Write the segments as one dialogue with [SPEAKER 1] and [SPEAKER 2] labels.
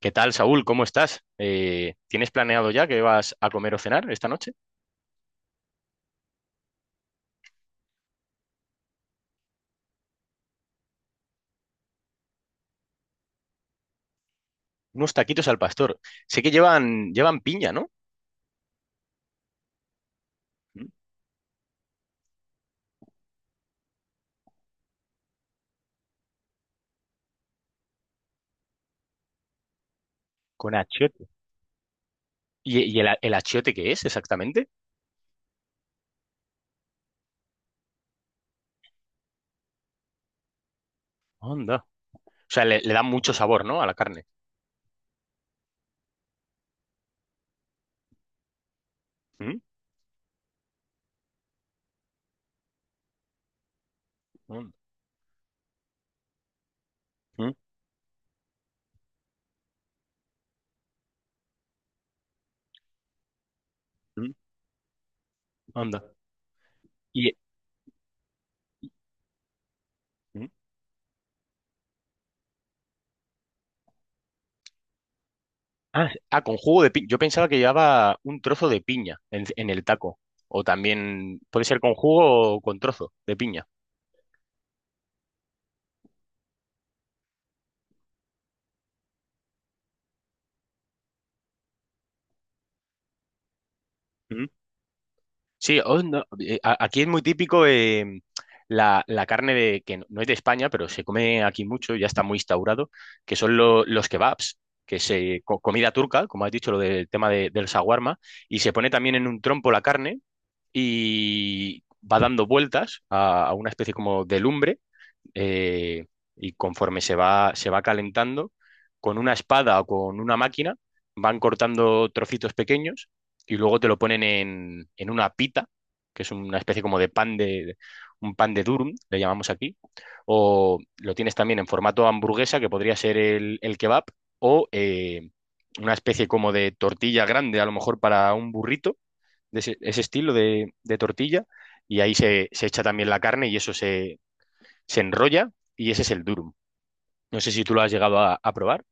[SPEAKER 1] ¿Qué tal, Saúl? ¿Cómo estás? ¿Tienes planeado ya que vas a comer o cenar esta noche? Unos taquitos al pastor. Sé que llevan piña, ¿no? Mm. Con achiote. ¿ el achiote qué es exactamente? Onda. O sea, le da mucho sabor, ¿no? A la carne. ¿Mm? Onda. ¿Mm? ¿Mm? Onda. Y, ¿mm? Ah, ah, con jugo de piña. Yo pensaba que llevaba un trozo de piña en el taco. O también puede ser con jugo o con trozo de piña. Sí, oh, no, aquí es muy típico la carne de, que no es de España, pero se come aquí mucho, ya está muy instaurado, que son los kebabs, que es comida turca, como has dicho, lo del shawarma, y se pone también en un trompo la carne y va dando vueltas a una especie como de lumbre eh, y conforme se va calentando, con una espada o con una máquina van cortando trocitos pequeños y luego te lo ponen en una pita, que es una especie como de pan de, un pan de durum, le llamamos aquí, o lo tienes también en formato hamburguesa, que podría ser el kebab, o una especie como de tortilla grande, a lo mejor para un burrito, de ese estilo de tortilla, y ahí se echa también la carne y se enrolla y ese es el durum. No sé si tú lo has llegado a probar.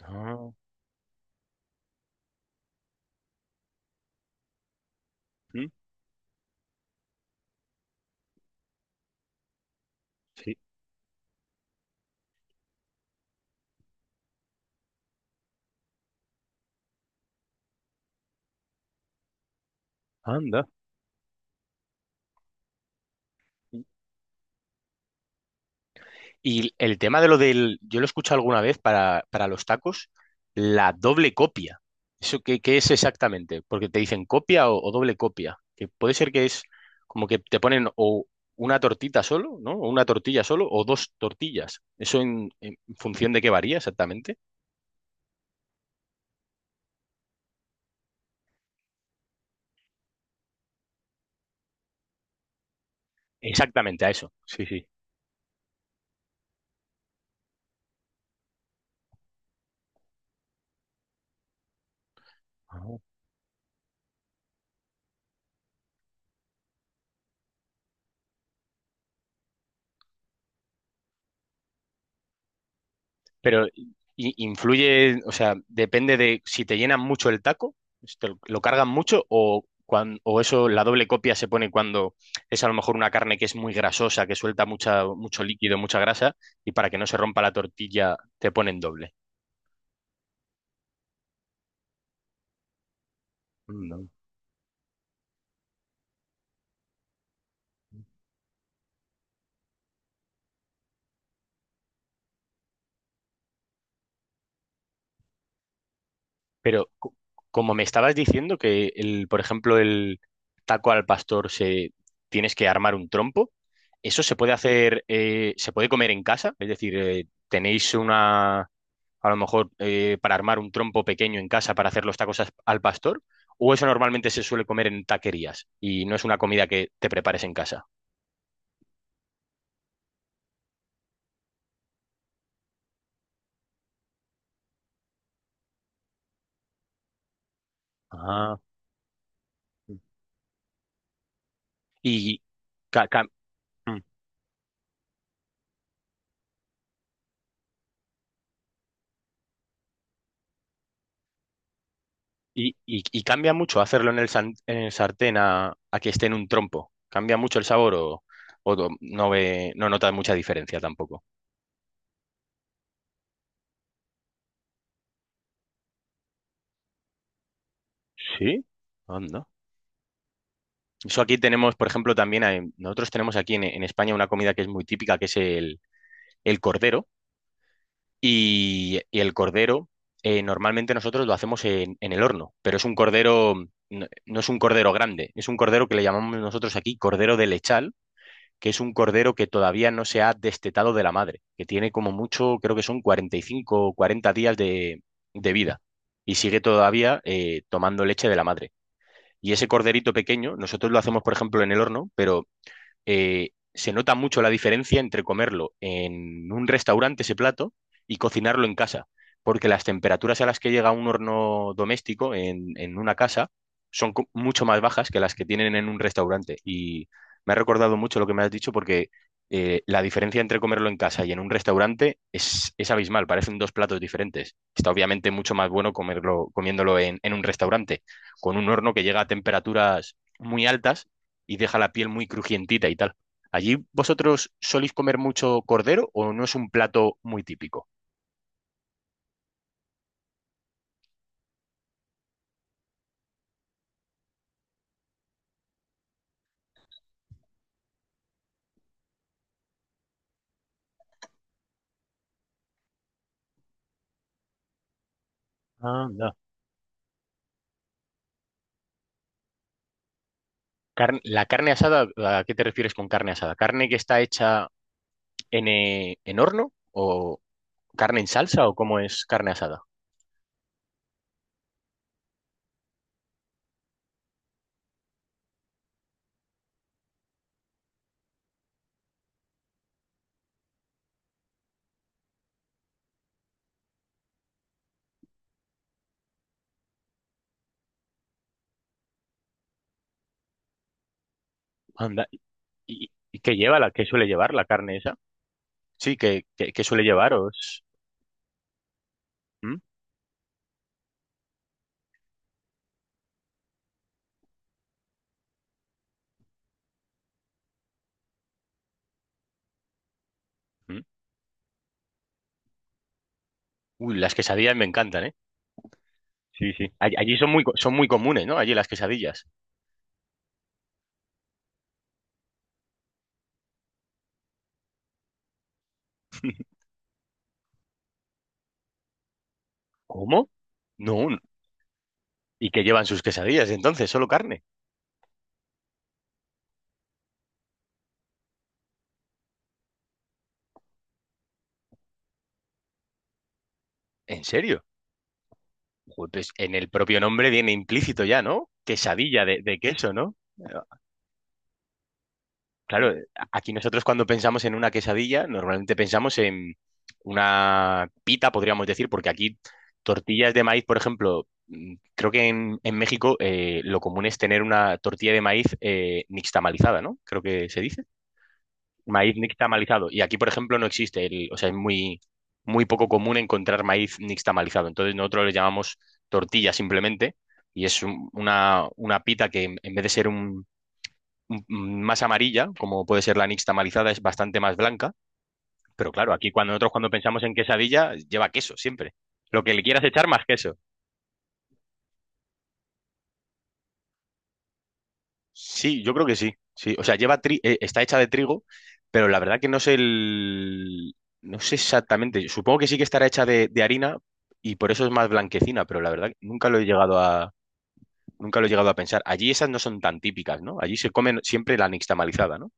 [SPEAKER 1] Ah, mm, sí, anda. Y el tema de lo del, yo lo he escuchado alguna vez para los tacos, la doble copia. ¿Eso qué, qué es exactamente? Porque te dicen copia o doble copia. Que puede ser que es como que te ponen o una tortita solo, ¿no? O una tortilla solo o dos tortillas. ¿Eso en función de qué varía exactamente? Exactamente, a eso. Sí, sí. Pero influye, o sea, depende de si te llenan mucho el taco, si te lo cargan mucho o, o eso, la doble copia se pone cuando es a lo mejor una carne que es muy grasosa, que suelta mucho líquido, mucha grasa y para que no se rompa la tortilla te ponen doble. No. Pero como me estabas diciendo que por ejemplo, el taco al pastor se tienes que armar un trompo, ¿eso se puede hacer, se puede comer en casa? Es decir, ¿tenéis una a lo mejor para armar un trompo pequeño en casa para hacer los tacos al pastor, o eso normalmente se suele comer en taquerías y no es una comida que te prepares en casa. Ah. Y, ca- ca- mm. Y cambia mucho hacerlo en el sartén a que esté en un trompo. ¿Cambia mucho el sabor o no notas mucha diferencia tampoco? Sí. Anda. Eso aquí tenemos, por ejemplo, también, nosotros tenemos aquí en España una comida que es muy típica, que es el cordero. Y el cordero, normalmente nosotros lo hacemos en el horno, pero es un cordero, no es un cordero grande, es un cordero que le llamamos nosotros aquí cordero de lechal, que es un cordero que todavía no se ha destetado de la madre, que tiene como mucho, creo que son 45 o 40 días de vida y sigue todavía tomando leche de la madre. Y ese corderito pequeño, nosotros lo hacemos, por ejemplo, en el horno, pero se nota mucho la diferencia entre comerlo en un restaurante ese plato y cocinarlo en casa, porque las temperaturas a las que llega un horno doméstico en una casa son mucho más bajas que las que tienen en un restaurante. Y me ha recordado mucho lo que me has dicho porque la diferencia entre comerlo en casa y en un restaurante es abismal, parecen dos platos diferentes. Está obviamente mucho más bueno comiéndolo en un restaurante, con un horno que llega a temperaturas muy altas y deja la piel muy crujientita y tal. ¿Allí vosotros soléis comer mucho cordero o no es un plato muy típico? Anda. La carne asada, ¿a qué te refieres con carne asada? ¿Carne que está hecha en horno o carne en salsa o cómo es carne asada? Anda. ¿Y, y qué lleva la, qué suele llevar la carne esa? Sí, ¿qué, qué suele llevar? ¿O es- ¿mm? ¿Mm? Uy, las quesadillas me encantan, ¿eh? Sí, sí. Allí son son muy comunes, ¿no? Allí las quesadillas. ¿Cómo? No. ¿Y que llevan sus quesadillas entonces? ¿Solo carne? ¿En serio? Joder, pues en el propio nombre viene implícito ya, ¿no? Quesadilla de queso, ¿no? Claro, aquí nosotros cuando pensamos en una quesadilla, normalmente pensamos en una pita, podríamos decir, porque aquí tortillas de maíz, por ejemplo, mm, creo que en México lo común es tener una tortilla de maíz nixtamalizada, ¿no? Creo que se dice. Maíz nixtamalizado. Y aquí, por ejemplo, no existe. O sea, es muy poco común encontrar maíz nixtamalizado. Entonces, nosotros le llamamos tortilla simplemente. Y es una pita que en vez de ser un, más amarilla, como puede ser la nixtamalizada, es bastante más blanca. Pero claro, aquí cuando pensamos en quesadilla, lleva queso siempre. Lo que le quieras echar más queso. Sí, yo creo que sí. Sí, o sea, lleva está hecha de trigo, pero la verdad que no sé el no sé exactamente. Supongo que sí que estará hecha de harina y por eso es más blanquecina, pero la verdad que nunca lo he llegado a nunca lo he llegado a pensar. Allí esas no son tan típicas, ¿no? Allí se comen siempre la nixtamalizada, ¿no?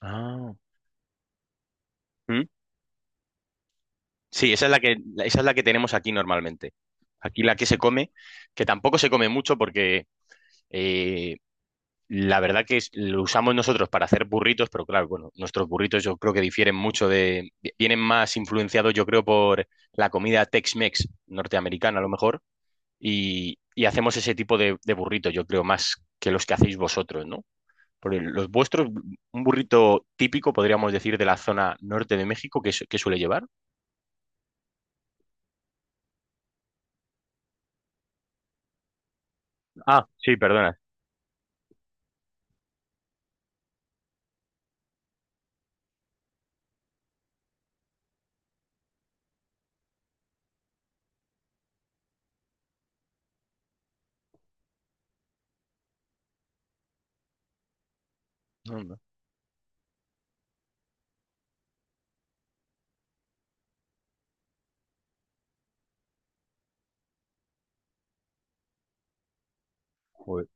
[SPEAKER 1] Ah. ¿Mm? Sí, esa es la esa es la que tenemos aquí normalmente. Aquí la que se come, que tampoco se come mucho porque eh, la verdad que lo usamos nosotros para hacer burritos, pero claro, bueno, nuestros burritos yo creo que difieren mucho de, vienen más influenciados yo creo por la comida Tex-Mex norteamericana a lo mejor, y hacemos ese tipo de burritos yo creo más que los que hacéis vosotros, ¿no? Porque los vuestros, un burrito típico podríamos decir de la zona norte de México, ¿qué, qué suele llevar? Ah, sí, perdona. No, no, joder.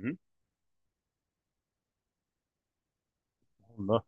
[SPEAKER 1] Mm, no.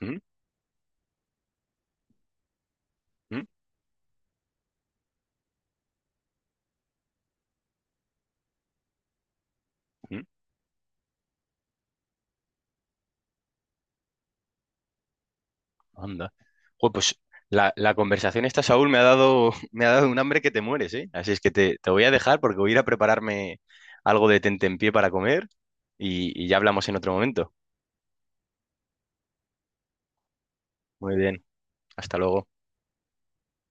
[SPEAKER 1] Mm, mm, mm. Anda. Joder, pues la conversación esta, Saúl, me ha dado, me ha dado un hambre que te mueres, ¿eh? Así es que te voy a dejar porque voy a ir a prepararme algo de tentempié para comer y ya hablamos en otro momento. Muy bien, hasta luego.